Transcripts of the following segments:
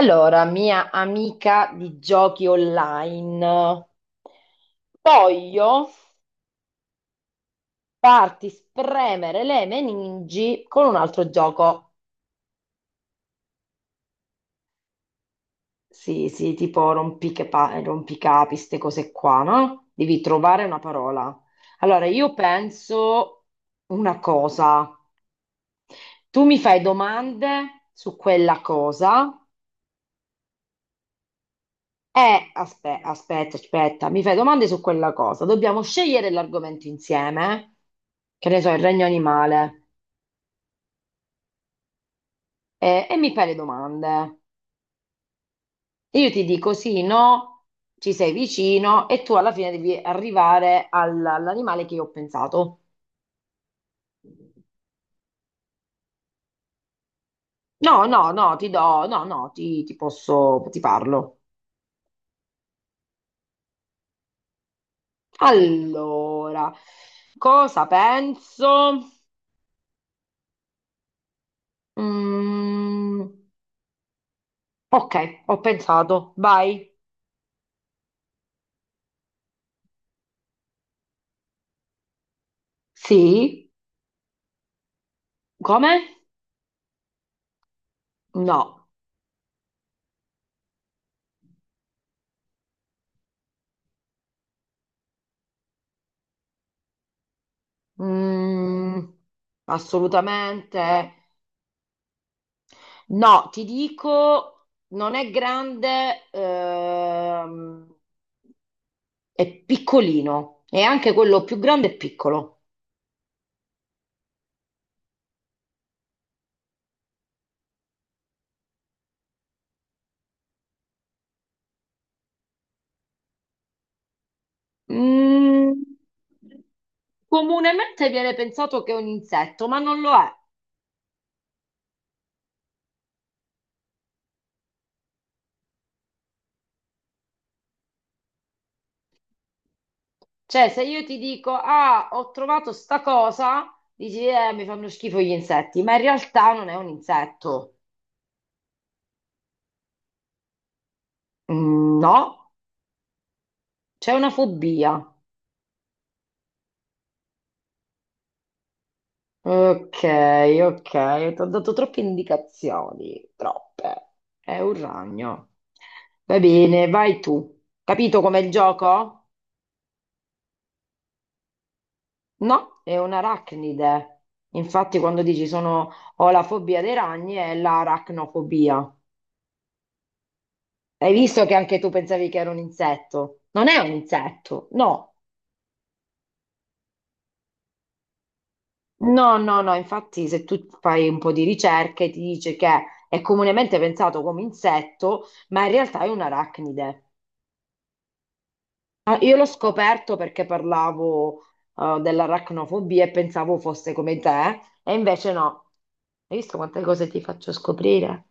Allora, mia amica di giochi online, voglio farti spremere le meningi con un altro gioco. Sì, sì, tipo rompicapi, queste cose qua, no? Devi trovare una parola. Allora, io penso una cosa. Tu mi fai domande su quella cosa. Aspetta, aspetta, mi fai domande su quella cosa. Dobbiamo scegliere l'argomento insieme, che ne so, il regno animale, e mi fai le domande. Io ti dico sì, no, ci sei vicino e tu alla fine devi arrivare all'animale che io ho pensato. No, no, no, ti do, no, no, ti posso, ti parlo. Allora, cosa penso? Mm, ok, ho pensato, vai. Sì. Come? No. Mm, assolutamente no. Ti dico, non è grande, è piccolino e anche quello più grande è piccolo. Mm, comunemente viene pensato che è un insetto, ma non lo è. Cioè, se io ti dico, ah, ho trovato sta cosa, dici, mi fanno schifo gli insetti, ma in realtà non è un insetto. No, c'è una fobia. Ok, ok, ti ho dato troppe indicazioni, troppe. È un ragno. Va bene, vai tu. Capito com'è il gioco? No, è un'arachnide. Infatti, quando dici sono, ho la fobia dei ragni, è l'arachnofobia. Hai visto che anche tu pensavi che era un insetto? Non è un insetto, no. No, no, no, infatti se tu fai un po' di ricerche ti dice che è comunemente pensato come insetto, ma in realtà è un'arachnide. Ah, io l'ho scoperto perché parlavo dell'aracnofobia e pensavo fosse come te, e invece no. Hai visto quante cose ti faccio scoprire?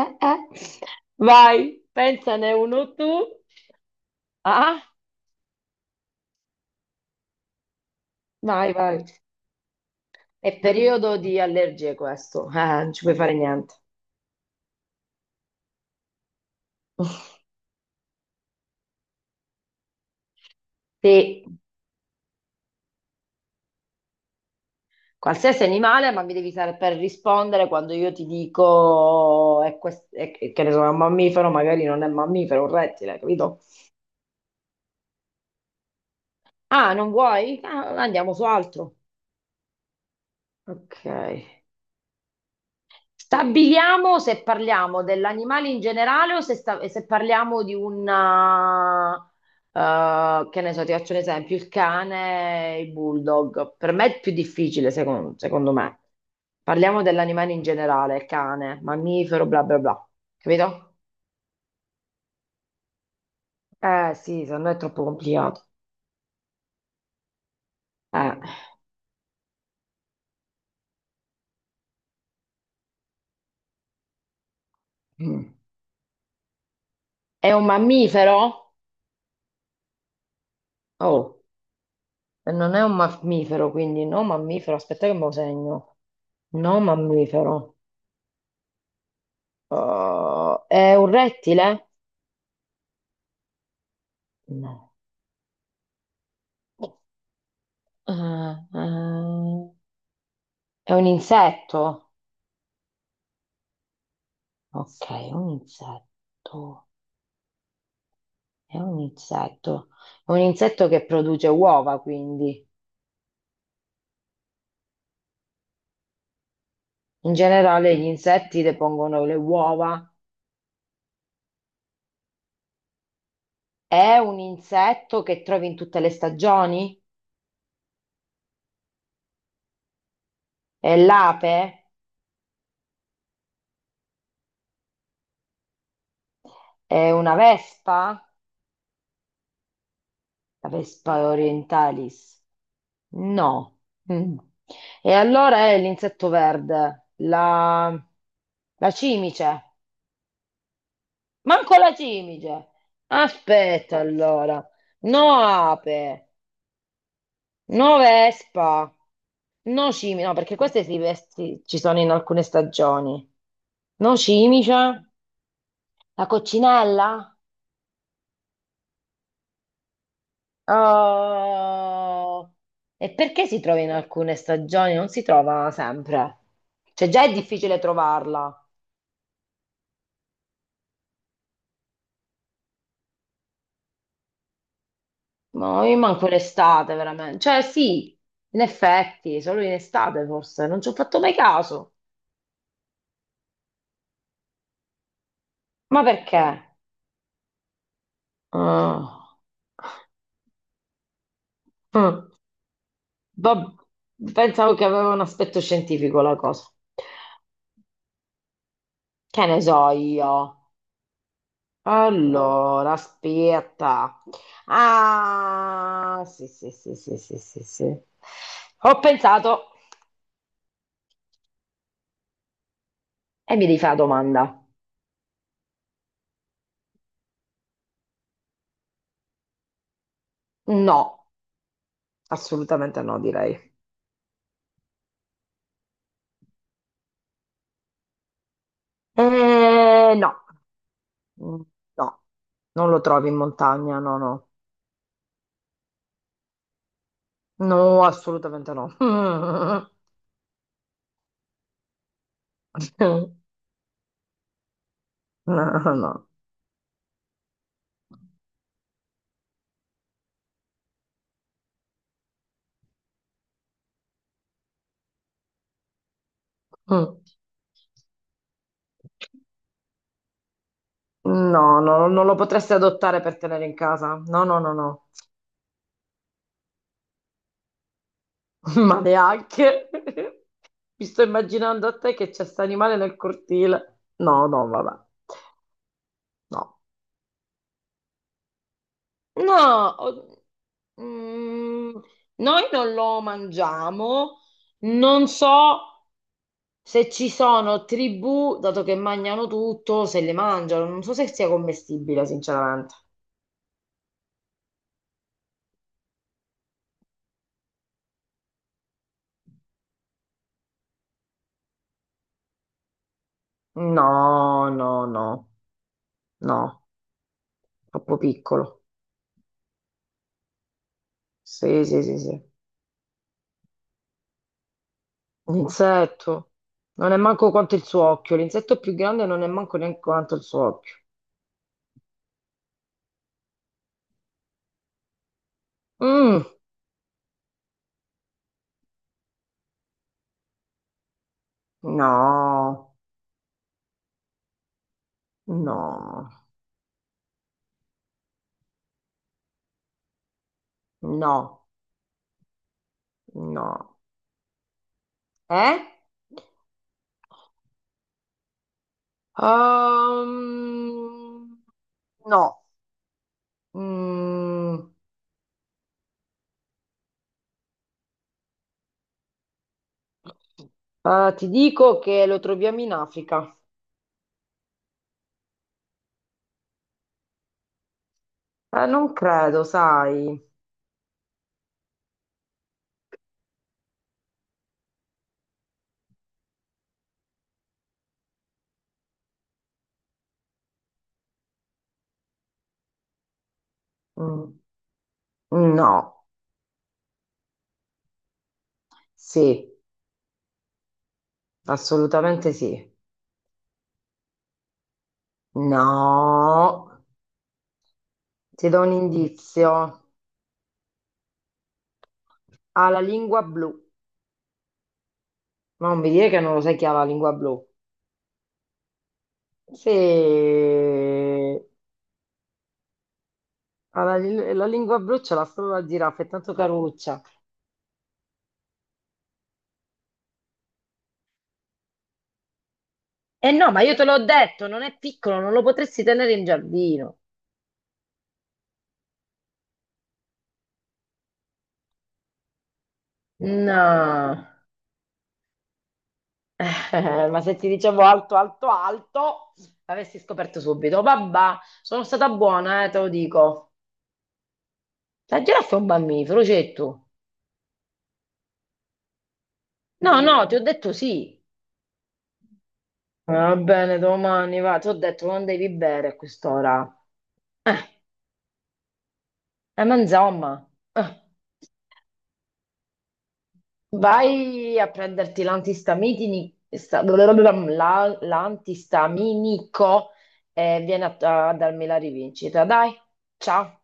Eh, eh. Vai, pensane uno tu. Ah, vai, vai. È periodo di allergie questo, non ci puoi fare niente. Sì, qualsiasi animale, ma mi devi saper rispondere quando io ti dico è che ne so, è un mammifero, magari non è un mammifero, è un rettile, capito? Ah, non vuoi? Ah, andiamo su altro. Ok. Stabiliamo se parliamo dell'animale in generale o se, se parliamo di una eh, che ne so, ti faccio un esempio, il cane, e il bulldog. Per me è più difficile, secondo me. Parliamo dell'animale in generale, cane, mammifero, bla bla bla. Capito? Eh sì, se no è troppo complicato. Eh. Mm. È un mammifero? Oh. E non è un mammifero, quindi no mammifero. Aspetta che me lo segno. No mammifero. È un rettile? No. Eh, eh, è un insetto? Ok, è un insetto. È un insetto. È un insetto che produce uova, quindi. In generale gli insetti depongono le uova. È un insetto che trovi in tutte le stagioni? È l'ape? È una vespa? La Vespa orientalis? No. Mm. E allora è l'insetto verde, la cimice. Manco la cimice. Aspetta allora. No ape, no vespa, no cimice. No, perché queste ci sono in alcune stagioni. No cimice, la coccinella? Oh, e perché si trova in alcune stagioni? Non si trova sempre. Cioè, già è difficile trovarla. Ma io manco l'estate, veramente. Cioè, sì, in effetti, solo in estate forse. Non ci ho fatto mai caso. Ma perché? Ah. Mm. Vabb- pensavo che aveva un aspetto scientifico la cosa. Che ne so io. Allora, aspetta. Ah, sì, sì, sì, sì, sì, sì, sì. Ho pensato e mi devi fare la domanda. No, assolutamente no, direi. No. Mm, no, non lo trovi in montagna, no, no. No, assolutamente no. No, no. No, no, no, non lo potresti adottare per tenere in casa. No, no, no, no. Ma neanche. Mi sto immaginando a te che c'è sta animale nel cortile. No, no, vabbè. No. No, o- mm, noi non lo mangiamo. Non so se ci sono tribù, dato che mangiano tutto, se le mangiano. Non so se sia commestibile, sinceramente. No, no, no, no, troppo piccolo. Sì, sì, sì, sì. L'insetto non è manco quanto il suo occhio. L'insetto più grande non è manco neanche quanto il suo occhio. Mm, no, no, no, no. Eh? Ehm, no. Mm, ti dico che lo troviamo in Africa. Non credo, sai. Mm, no, sì, assolutamente sì. No, ti do un indizio. Ha la lingua blu. Ma non mi dire che non lo sai chi ha la lingua blu. Sì, ha la lingua blu ce l'ha solo la zirafa, è tanto caruccia. E no, ma io te l'ho detto, non è piccolo, non lo potresti tenere in giardino. No. Ma se ti dicevo alto, alto, alto, l'avessi scoperto subito. Vabbè, sono stata buona, te lo dico. La giraffa è un mammifero, c'è tu. No, no, ti ho detto sì. Va bene, domani va. Ti ho detto non devi bere a quest'ora. Ma insomma, vai a prenderti l'antistaminico, l'antistaminico e vieni a a darmi la rivincita. Dai, ciao.